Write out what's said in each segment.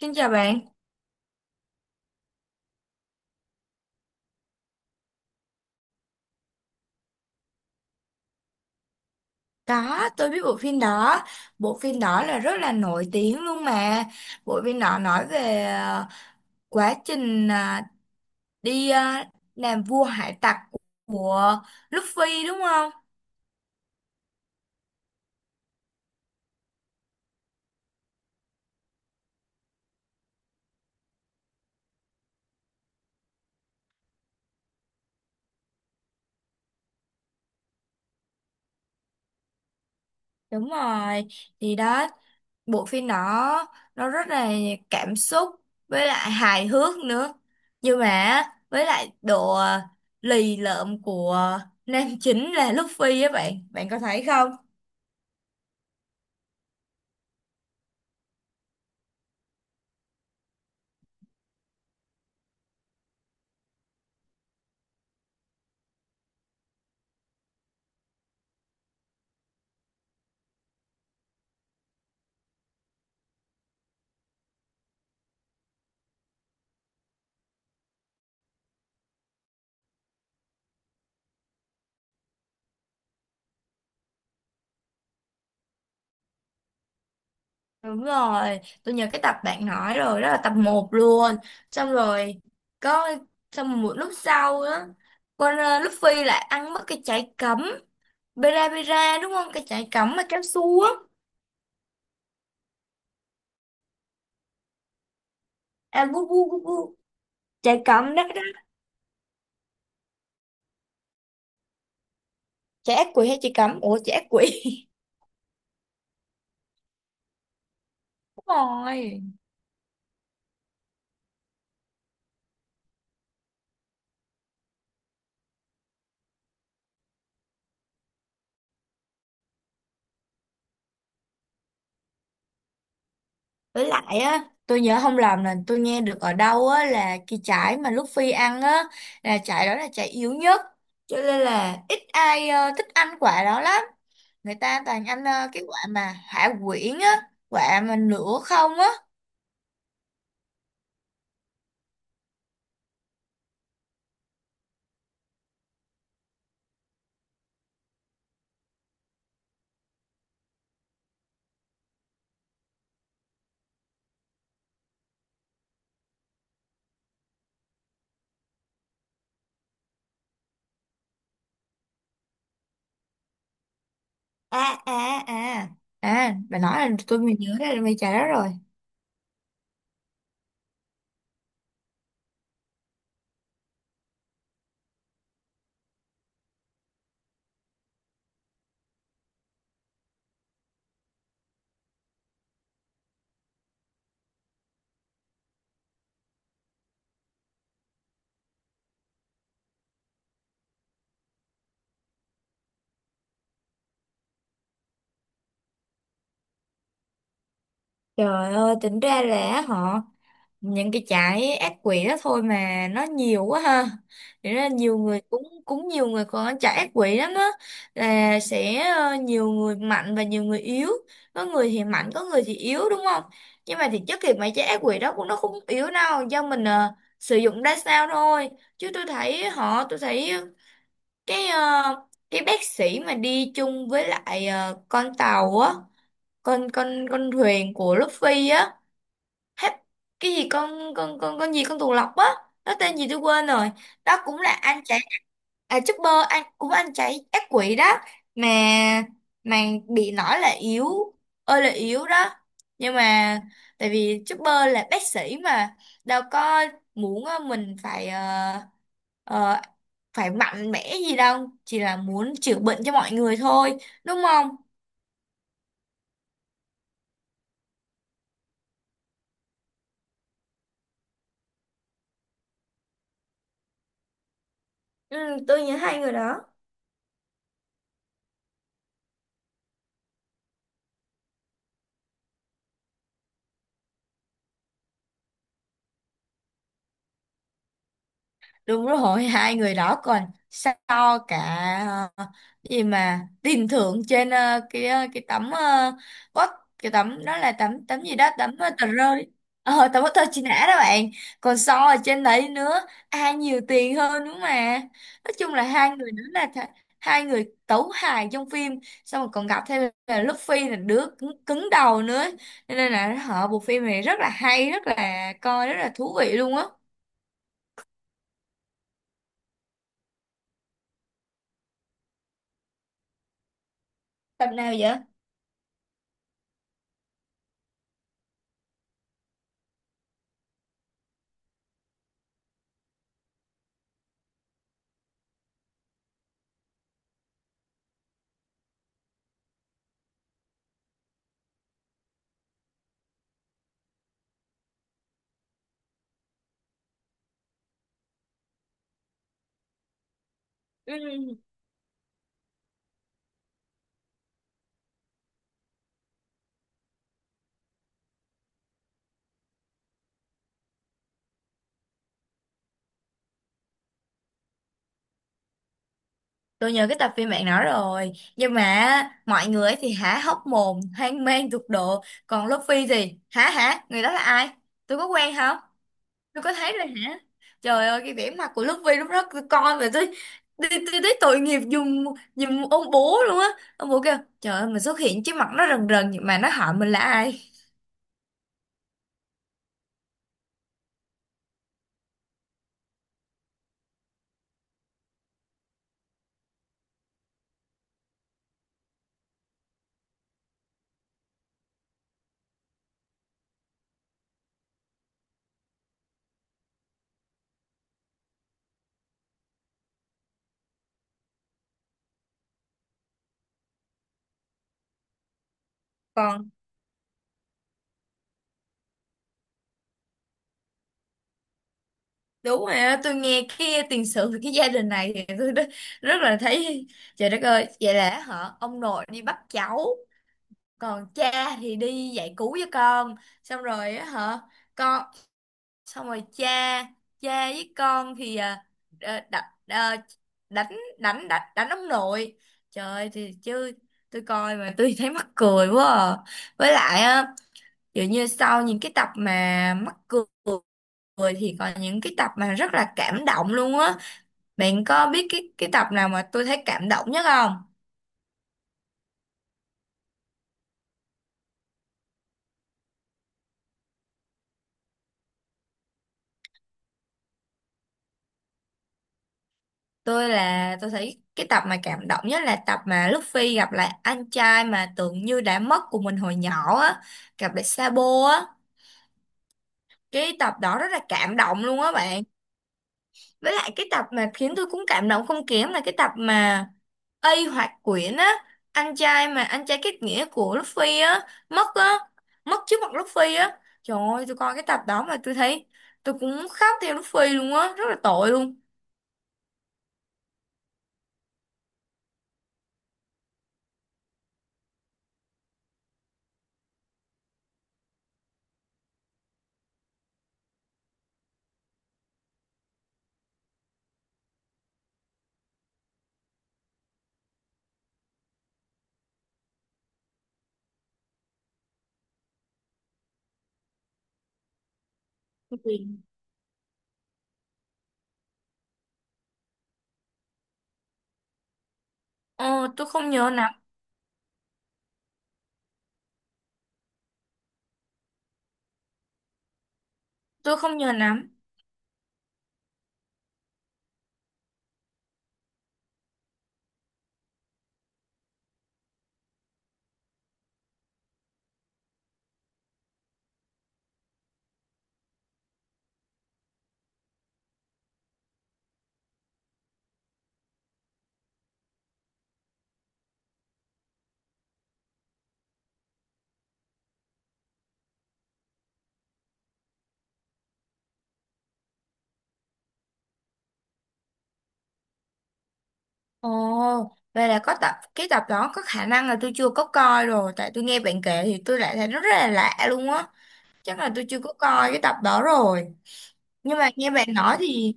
Xin chào bạn. Có, tôi biết bộ phim đó. Bộ phim đó là rất là nổi tiếng luôn mà. Bộ phim đó nói về quá trình đi làm vua hải tặc của Luffy đúng không? Đúng rồi. Thì đó, bộ phim đó nó rất là cảm xúc với lại hài hước nữa. Nhưng mà với lại độ lì lợm của nam chính là Luffy á bạn. Bạn có thấy không? Đúng rồi, tôi nhớ cái tập bạn nói rồi, đó là tập một luôn. Xong rồi, có xong một lúc sau đó, con Luffy lại ăn mất cái trái cấm. Bera Bera đúng không? Cái trái cấm mà kéo xuống. À, bu bu bu bu. Trái cấm đó đó. Trái ác quỷ hay trái cấm? Ủa, trái ác quỷ. Đúng rồi. Với lại á, tôi nhớ không lầm là tôi nghe được ở đâu á là cái trái mà Luffy ăn á, là trái đó là trái yếu nhất. Cho nên là ít ai thích ăn quả đó lắm, người ta toàn ăn cái quả mà hả quyển á, quả mà nửa không á. À à à à bà nói là tôi mới nhớ ra là mày trả đó rồi. Trời ơi, tính ra là họ những cái trái ác quỷ đó thôi mà nó nhiều quá ha. Thế ra nhiều người cũng cũng nhiều người còn trái ác quỷ lắm á, là sẽ nhiều người mạnh và nhiều người yếu. Có người thì mạnh, có người thì yếu đúng không? Nhưng mà thì chất thì mấy trái ác quỷ đó cũng nó không yếu đâu, do mình sử dụng ra sao thôi. Chứ tôi thấy họ tôi thấy cái cái bác sĩ mà đi chung với lại con tàu á, con thuyền của Luffy á, hết cái gì, con gì, con tuần lộc á, nó tên gì tôi quên rồi. Đó cũng là anh chạy. À, Chopper anh cũng anh chạy ác quỷ đó, mà mà bị nói là yếu, ơi là yếu đó. Nhưng mà tại vì Chopper là bác sĩ mà, đâu có muốn mình ờ, phải mạnh mẽ gì đâu, chỉ là muốn chữa bệnh cho mọi người thôi đúng không? Ừ, tôi nhớ hai người đó. Đúng rồi. Hai người đó còn so cả ờ, cái gì mà tiền thưởng trên cái cái tấm quất, cái tấm đó là tấm tấm gì đó tấm tờ rơi, tấm tờ chi nã đó bạn. Còn so ở trên đấy nữa, ai nhiều tiền hơn nữa mà. Nói chung là hai người đó là hai người tấu hài trong phim. Xong rồi còn gặp thêm là Luffy là đứa cứng, cứng đầu nữa. Cho nên là họ bộ phim này rất là hay, rất là coi rất là thú vị luôn á. Tập nào vậy? Ừ. Tôi nhớ cái tập phim bạn nói rồi. Nhưng mà á, mọi người ấy thì há hốc mồm, hoang mang tột độ. Còn Luffy thì hả hả, người đó là ai? Tôi có quen không? Tôi có thấy rồi hả? Trời ơi cái vẻ mặt của Luffy lúc đó tôi coi về tôi. Tôi thấy tội nghiệp dùng dùng ông bố luôn á. Ông bố kêu trời ơi mình xuất hiện trước mặt nó rần rần nhưng mà nó hỏi mình là ai. Còn đúng rồi á, tôi nghe cái tiền sử về cái gia đình này thì tôi rất, rất là thấy trời đất ơi, vậy là họ ông nội đi bắt cháu, còn cha thì đi dạy cứu với con. Xong rồi á hả, con, xong rồi cha, cha với con thì à, đ- đ- đ- đánh đánh đánh đánh ông nội. Trời ơi, thì chứ tôi coi mà tôi thấy mắc cười quá à. Với lại á, dường như sau những cái tập mà mắc cười cười thì còn những cái tập mà rất là cảm động luôn á. Bạn có biết cái tập nào mà tôi thấy cảm động nhất không? Tôi là tôi thấy cái tập mà cảm động nhất là tập mà Luffy gặp lại anh trai mà tưởng như đã mất của mình hồi nhỏ á, gặp lại Sabo á. Cái tập đó rất là cảm động luôn á bạn. Với lại cái tập mà khiến tôi cũng cảm động không kém là cái tập mà Hoạt Quyển á, anh trai kết nghĩa của Luffy á mất á, mất trước mặt Luffy á. Trời ơi tôi coi cái tập đó mà tôi thấy tôi cũng khóc theo Luffy luôn á, rất là tội luôn. Cái ờ tôi không nhớ lắm. Tôi không nhớ lắm. Ồ, vậy là có tập cái tập đó có khả năng là tôi chưa có coi rồi, tại tôi nghe bạn kể thì tôi lại thấy rất là lạ luôn á. Chắc là tôi chưa có coi cái tập đó rồi. Nhưng mà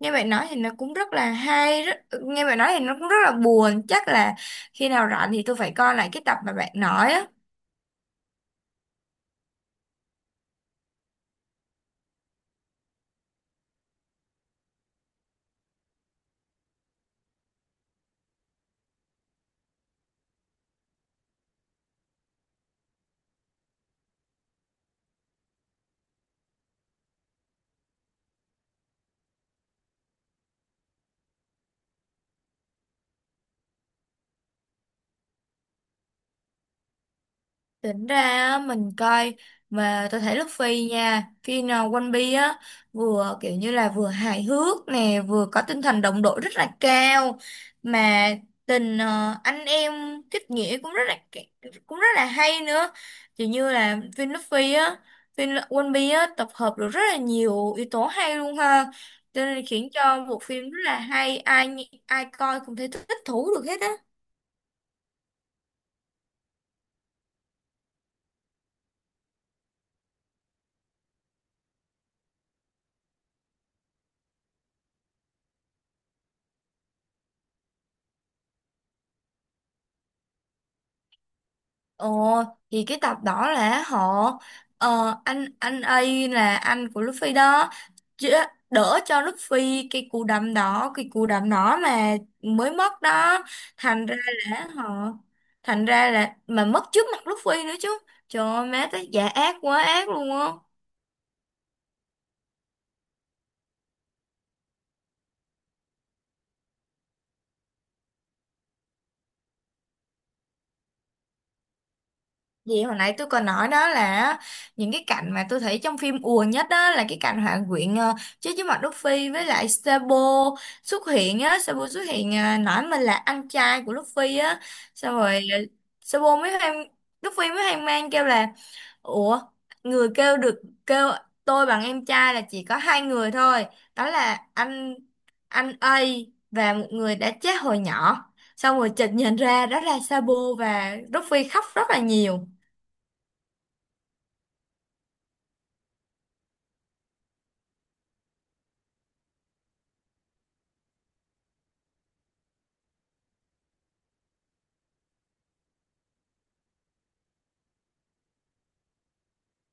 nghe bạn nói thì nó cũng rất là hay, rất, nghe bạn nói thì nó cũng rất là buồn, chắc là khi nào rảnh thì tôi phải coi lại cái tập mà bạn nói á. Tính ra á, mình coi mà tôi thấy Luffy nha, phim One Piece á vừa kiểu như là vừa hài hước nè, vừa có tinh thần đồng đội rất là cao, mà tình anh em kết nghĩa cũng rất là hay nữa, chỉ như là phim Luffy á, phim One Piece á tập hợp được rất là nhiều yếu tố hay luôn ha, cho nên khiến cho bộ phim rất là hay, ai ai coi cũng thấy thích thú được hết á. Ồ, thì cái tập đó là họ anh ấy là anh của Luffy đó chứ, đỡ cho Luffy cái cú đấm đó, cái cú đấm đó mà mới mất đó. thành ra là họ thành ra là mà mất trước mặt Luffy nữa chứ. Trời ơi má tới giả ác quá ác luôn á. Vậy hồi nãy tôi còn nói đó là những cái cảnh mà tôi thấy trong phim ùa nhất đó là cái cảnh Hoàng Quyện chơi với Mạc Đức Phi, với lại Sabo xuất hiện á, Sabo xuất hiện ờ, nói mình là anh trai của Đức Phi á, xong rồi Sabo mới hoang, Đức Phi mới hoang mang kêu là ủa, người kêu được kêu tôi bằng em trai là chỉ có hai người thôi, đó là anh A và một người đã chết hồi nhỏ. Xong rồi chợt nhận ra đó là Sabo và Đức Phi khóc rất là nhiều.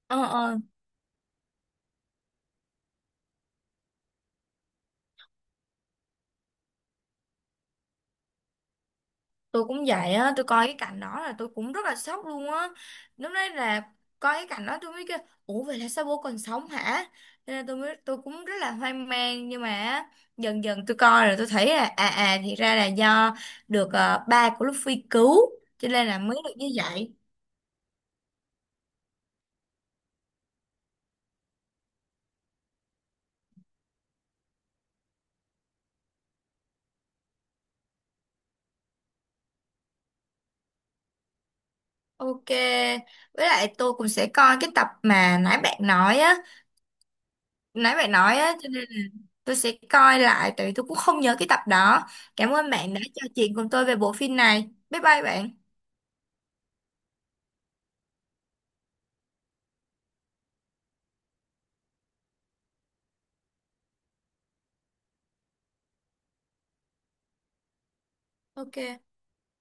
Ờ, ờ, tôi cũng vậy á, tôi coi cái cảnh đó là tôi cũng rất là sốc luôn á. Lúc đấy là coi cái cảnh đó tôi mới kêu, ủa vậy là sao bố còn sống hả? Cho nên tôi cũng rất là hoang mang, nhưng mà á, dần dần tôi coi rồi tôi thấy là thì ra là do được ba của Luffy cứu cho nên là mới được như vậy. Ok, với lại tôi cũng sẽ coi cái tập mà nãy bạn nói á, cho nên là tôi sẽ coi lại tại vì tôi cũng không nhớ cái tập đó. Cảm ơn bạn đã trò chuyện cùng tôi về bộ phim này, bye bye bạn. Ok.